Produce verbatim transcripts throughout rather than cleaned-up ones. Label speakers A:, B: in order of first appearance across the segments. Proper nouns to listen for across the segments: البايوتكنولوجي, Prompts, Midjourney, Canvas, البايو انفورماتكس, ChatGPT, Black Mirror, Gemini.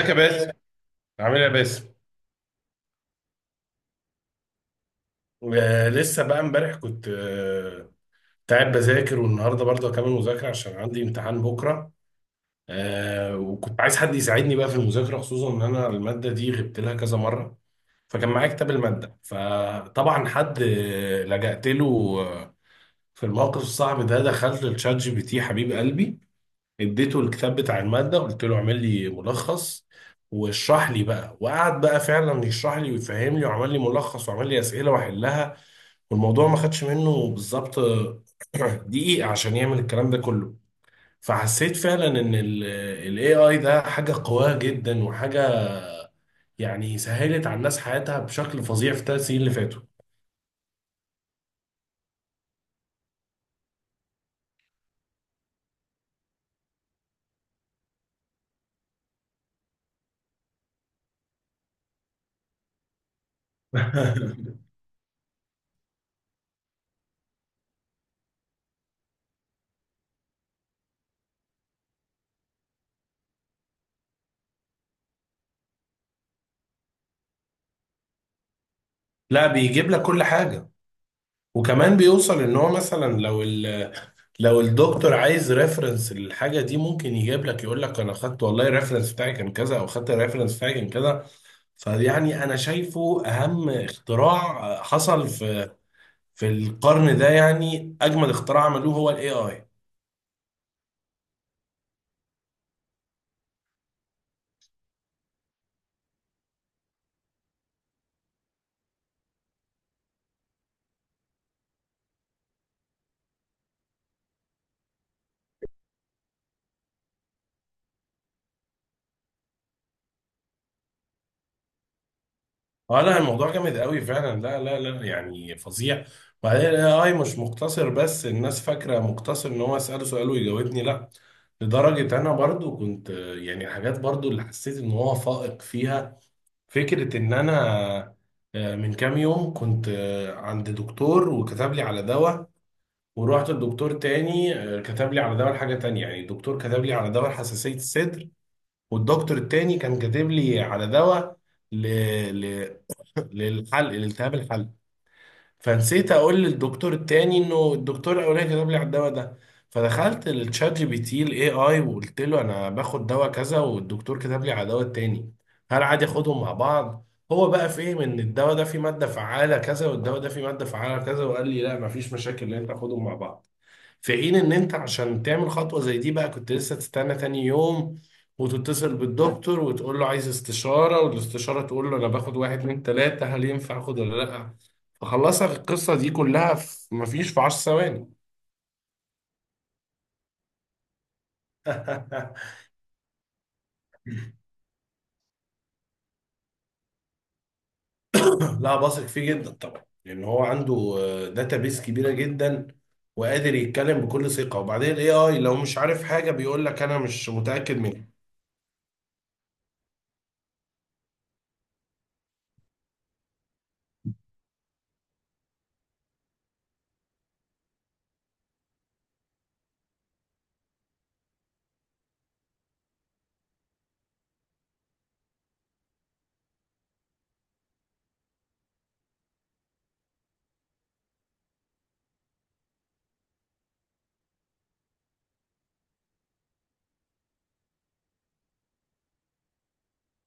A: ازيك يا باسم؟ عامل ايه يا باسم؟ آه، لسه بقى امبارح كنت آه، كنت قاعد بذاكر، والنهارده برضه هكمل مذاكره عشان عندي امتحان بكره. آه، وكنت عايز حد يساعدني بقى في المذاكره، خصوصا ان انا الماده دي غبت لها كذا مره. فكان معايا كتاب الماده، فطبعا حد آه، لجأت له آه، في الموقف الصعب ده. دخلت للشات جي بي تي حبيب قلبي، اديته الكتاب بتاع المادة، قلت له اعمل لي ملخص واشرح لي بقى. وقعد بقى فعلا يشرح لي ويفهم لي وعمل لي ملخص وعمل لي أسئلة واحلها، والموضوع ما خدش منه بالظبط دقيقة عشان يعمل الكلام ده كله. فحسيت فعلا ان ال ال A I ده حاجة قوية جدا، وحاجة يعني سهلت على الناس حياتها بشكل فظيع في الثلاث سنين اللي فاتوا. لا، بيجيب لك كل حاجة، وكمان بيوصل ان هو مثلا لو لو الدكتور عايز ريفرنس للحاجه دي ممكن يجيب لك، يقول لك انا خدت والله الريفرنس بتاعي كان كذا، او خدت الريفرنس بتاعي كان كذا. فيعني انا شايفه اهم اختراع حصل في في القرن ده، يعني اجمل اختراع عملوه هو الاي اي. اه لا، الموضوع جامد قوي فعلا، لا لا لا يعني فظيع. وبعدين الاي اي مش مقتصر بس، الناس فاكره مقتصر ان هو اساله سؤال ويجاوبني، لا. لدرجه انا برضو كنت، يعني حاجات برضو اللي حسيت ان هو فائق فيها، فكرة إن أنا آه، من كام يوم كنت آه، عند دكتور وكتب لي على دواء، ورحت لدكتور تاني آه، كتب لي على دواء لحاجة تانية. يعني الدكتور كتب لي على دواء حساسية الصدر، والدكتور التاني كان كاتب لي على دواء ل... ل... للحلق، لالتهاب الحلق. فنسيت اقول للدكتور التاني انه الدكتور الاولاني كتب لي على الدواء ده. فدخلت للتشات جي بي تي الاي اي وقلت له انا باخد دواء كذا والدكتور كتب لي على دواء التاني، هل عادي اخدهم مع بعض؟ هو بقى فهم ان الدواء ده فيه ماده فعاله كذا، والدواء ده فيه ماده فعاله كذا، وقال لي لا، مفيش مشاكل ان انت تاخدهم مع بعض. في حين ان انت عشان تعمل خطوة زي دي بقى، كنت لسه تستنى تاني يوم وتتصل بالدكتور وتقول له عايز استشارة، والاستشارة تقول له انا باخد واحد اتنين تلاتة، هل ينفع اخد ولا لا. فخلصك القصة دي كلها في، مفيش في عشر ثواني. لا، بثق فيه جدا طبعا، لان هو عنده داتابيس كبيرة جدا، وقادر يتكلم بكل ثقة. وبعدين الاي اي لو مش عارف حاجة بيقول لك انا مش متأكد منها.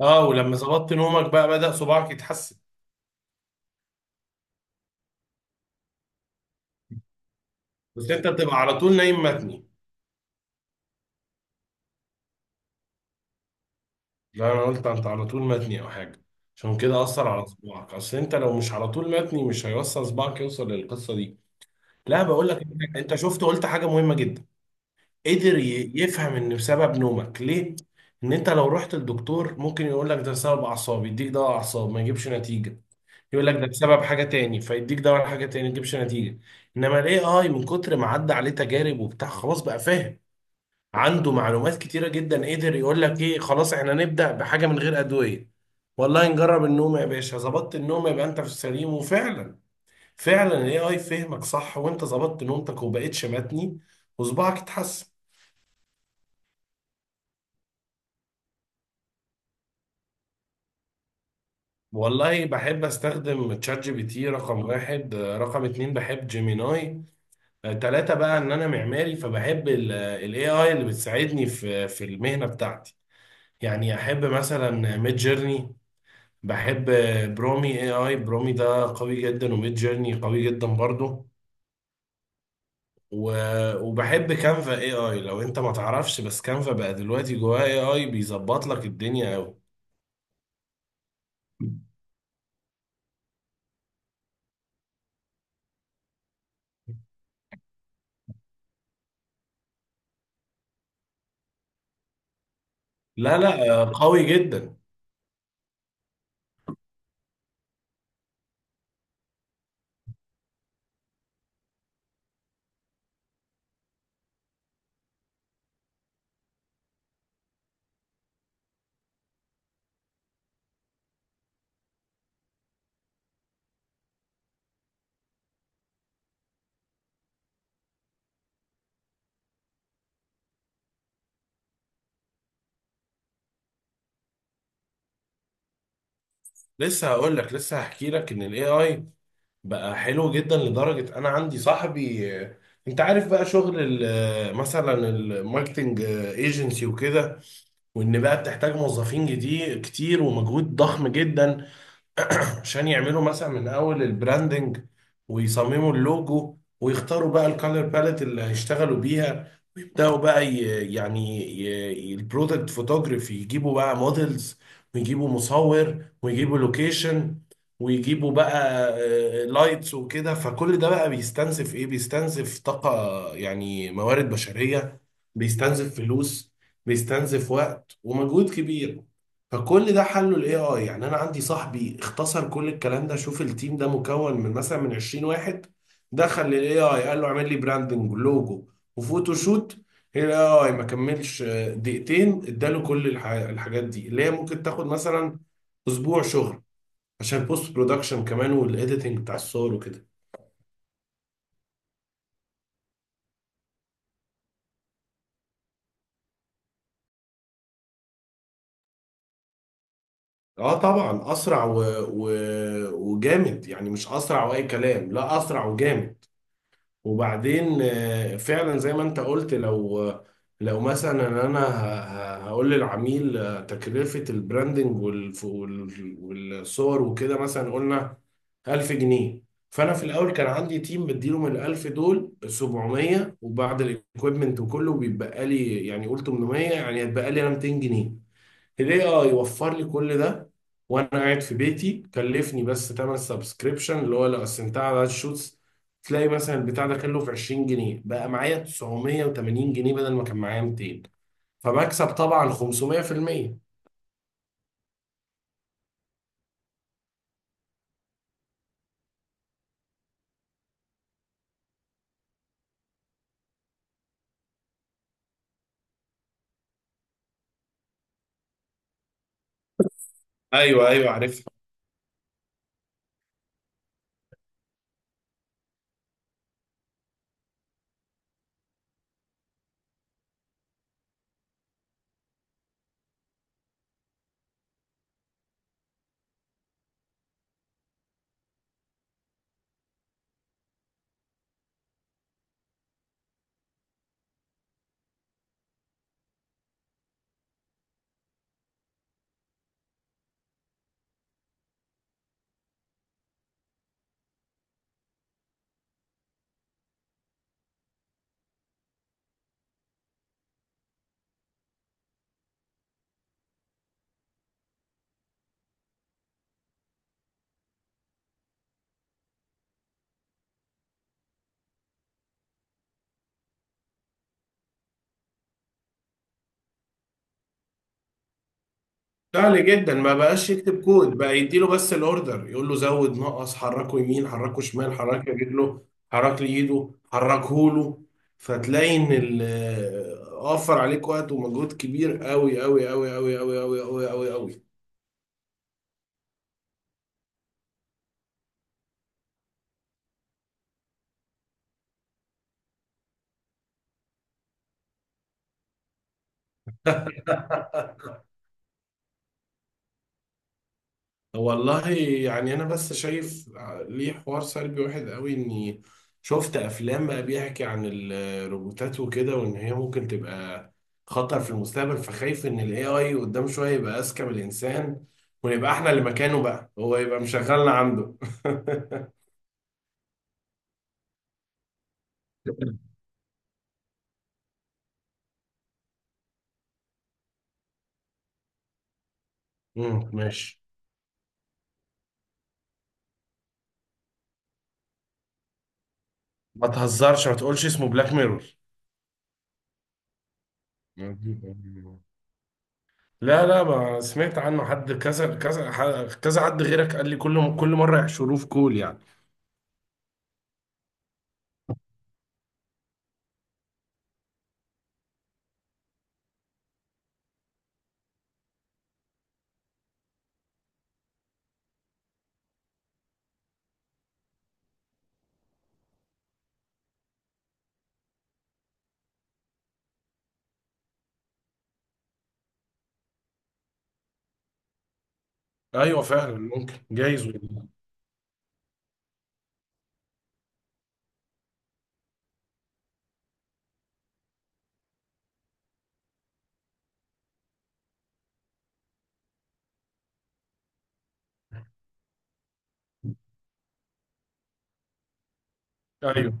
A: اه، ولما ظبطت نومك بقى بدأ صباعك يتحسن؟ بس انت بتبقى على طول نايم متني؟ لا، انا قلت انت على طول متني او حاجه، عشان كده اثر على صباعك. اصل انت لو مش على طول متني مش هيوصل صباعك، يوصل للقصه دي. لا، بقول لك انت، أنت شفت قلت حاجه مهمه جدا. قدر ي- يفهم ان بسبب نومك ليه. ان انت لو رحت للدكتور ممكن يقول لك ده بسبب اعصاب، يديك دواء اعصاب، ما يجيبش نتيجه. يقول لك ده بسبب حاجه تاني، فيديك دواء حاجه تاني، ما يجيبش نتيجه. انما الاي اي من كتر ما عدى عليه تجارب وبتاع خلاص بقى فاهم، عنده معلومات كتيرة جدا، قدر يقول لك ايه، خلاص احنا نبدأ بحاجة من غير أدوية، والله نجرب النوم يا باشا. ظبطت النوم يبقى انت في السليم، وفعلا فعلا الاي اي فهمك صح، وانت ظبطت نومتك وبقيت شمتني وصباعك اتحسن. والله بحب استخدم تشات جي بي تي رقم واحد. آه، رقم اتنين بحب جيميناي. آه، تلاتة بقى، ان انا معماري فبحب الاي اي اللي بتساعدني في في المهنة بتاعتي. يعني احب مثلا ميد جيرني، بحب برومي اي اي، برومي ده قوي جدا وميد جيرني قوي جدا برضه. و... وبحب كانفا اي اي لو انت ما تعرفش، بس كانفا بقى دلوقتي جواه اي اي بيظبط لك الدنيا قوي. لا لا، آه، قوي جدا. لسه هقول لك، لسه هحكي لك ان الاي اي بقى حلو جدا. لدرجه انا عندي صاحبي، آه، انت عارف بقى شغل ال- آه، مثلا الماركتنج ايجنسي وكده، وان بقى بتحتاج موظفين جديد كتير ومجهود ضخم جدا عشان يعملوا مثلا من اول البراندنج، ويصمموا اللوجو، ويختاروا بقى الكالر باليت اللي هيشتغلوا بيها، ويبداوا بقى ي... يعني البرودكت فوتوغرافي، يجيبوا بقى موديلز، ويجيبوا مصور، ويجيبوا لوكيشن، ويجيبوا بقى لايتس وكده. فكل ده بقى بيستنزف ايه؟ بيستنزف طاقة، يعني موارد بشرية، بيستنزف فلوس، بيستنزف وقت ومجهود كبير. فكل ده حله الاي اي. يعني انا عندي صاحبي اختصر كل الكلام ده. شوف، التيم ده مكون من مثلا من عشرين واحد، دخل للاي اي قال له اعمل لي براندنج، لوجو، وفوتوشوت. الاي اي ما كملش آه، دقيقتين، اداله كل الح- الحاجات دي اللي هي ممكن تاخد مثلا اسبوع شغل عشان بوست برودكشن كمان، والايديتنج بتاع الصور وكده. اه طبعا، اسرع و... و... وجامد، يعني مش اسرع واي كلام، لا اسرع وجامد. وبعدين آه، فعلا زي ما انت قلت، لو لو مثلا انا ه- ه- هقول للعميل آه، تكلفة البراندنج والف- وال- والصور وكده مثلا قلنا ألف جنيه. فانا في الاول كان عندي تيم بديله من ال ألف دول سبعمية، وبعد الايكويبمنت وكله بيتبقى لي يعني قول تمنميه، يعني هيتبقى لي انا ميتين جنيه. الاي اي وفر لي كل ده، وانا قاعد في بيتي كلفني بس تمن سبسكريبشن، اللي هو لو قسمتها على عدد الشوتس تلاقي مثلا البتاع ده كله في عشرين جنيه، بقى معايا تسعميه وتمانين جنيه بدل ما كان معايا ميتين. فمكسب طبعا خمسميه في المية. ايوه ايوه عرفت. سهل جدا، ما بقاش يكتب كود بقى، يديله بس الاوردر، يقول له زود، نقص، حركه يمين، حركه شمال، حرك لي رجله، حرك لي ايده، حركه له. فتلاقي ان ال- وفر عليك وقت ومجهود كبير قوي قوي قوي قوي قوي قوي قوي قوي قوي. والله يعني انا بس شايف ليه حوار سلبي واحد قوي، اني شفت افلام بقى بيحكي عن الروبوتات وكده، وان هي ممكن تبقى خطر في المستقبل. فخايف ان الاي اي قدام شويه يبقى اذكى من الانسان، ونبقى احنا اللي مكانه بقى، هو يبقى مشغلنا عنده. امم ماشي. ما تهزرش، ما تقولش اسمه بلاك ميرور؟ لا لا، ما سمعت عنه، حد كذا كذا ح- كذا، حد غيرك قال لي. كل كل مره يحشروه في كول يعني. ايوه فعلا، ممكن جايز والله. ايوه،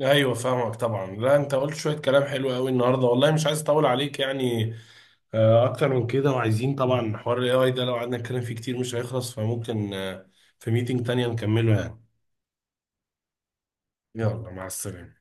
A: ايوه فاهمك طبعا. لا، انت قلت شويه كلام حلو قوي النهارده والله، مش عايز اطول عليك يعني آه، اكتر من كده. وعايزين طبعا حوار الاي اي ده لو قعدنا نتكلم فيه كتير مش هيخلص، فممكن آه، في ميتنج تانية نكمله يعني. يلا، مع السلامه.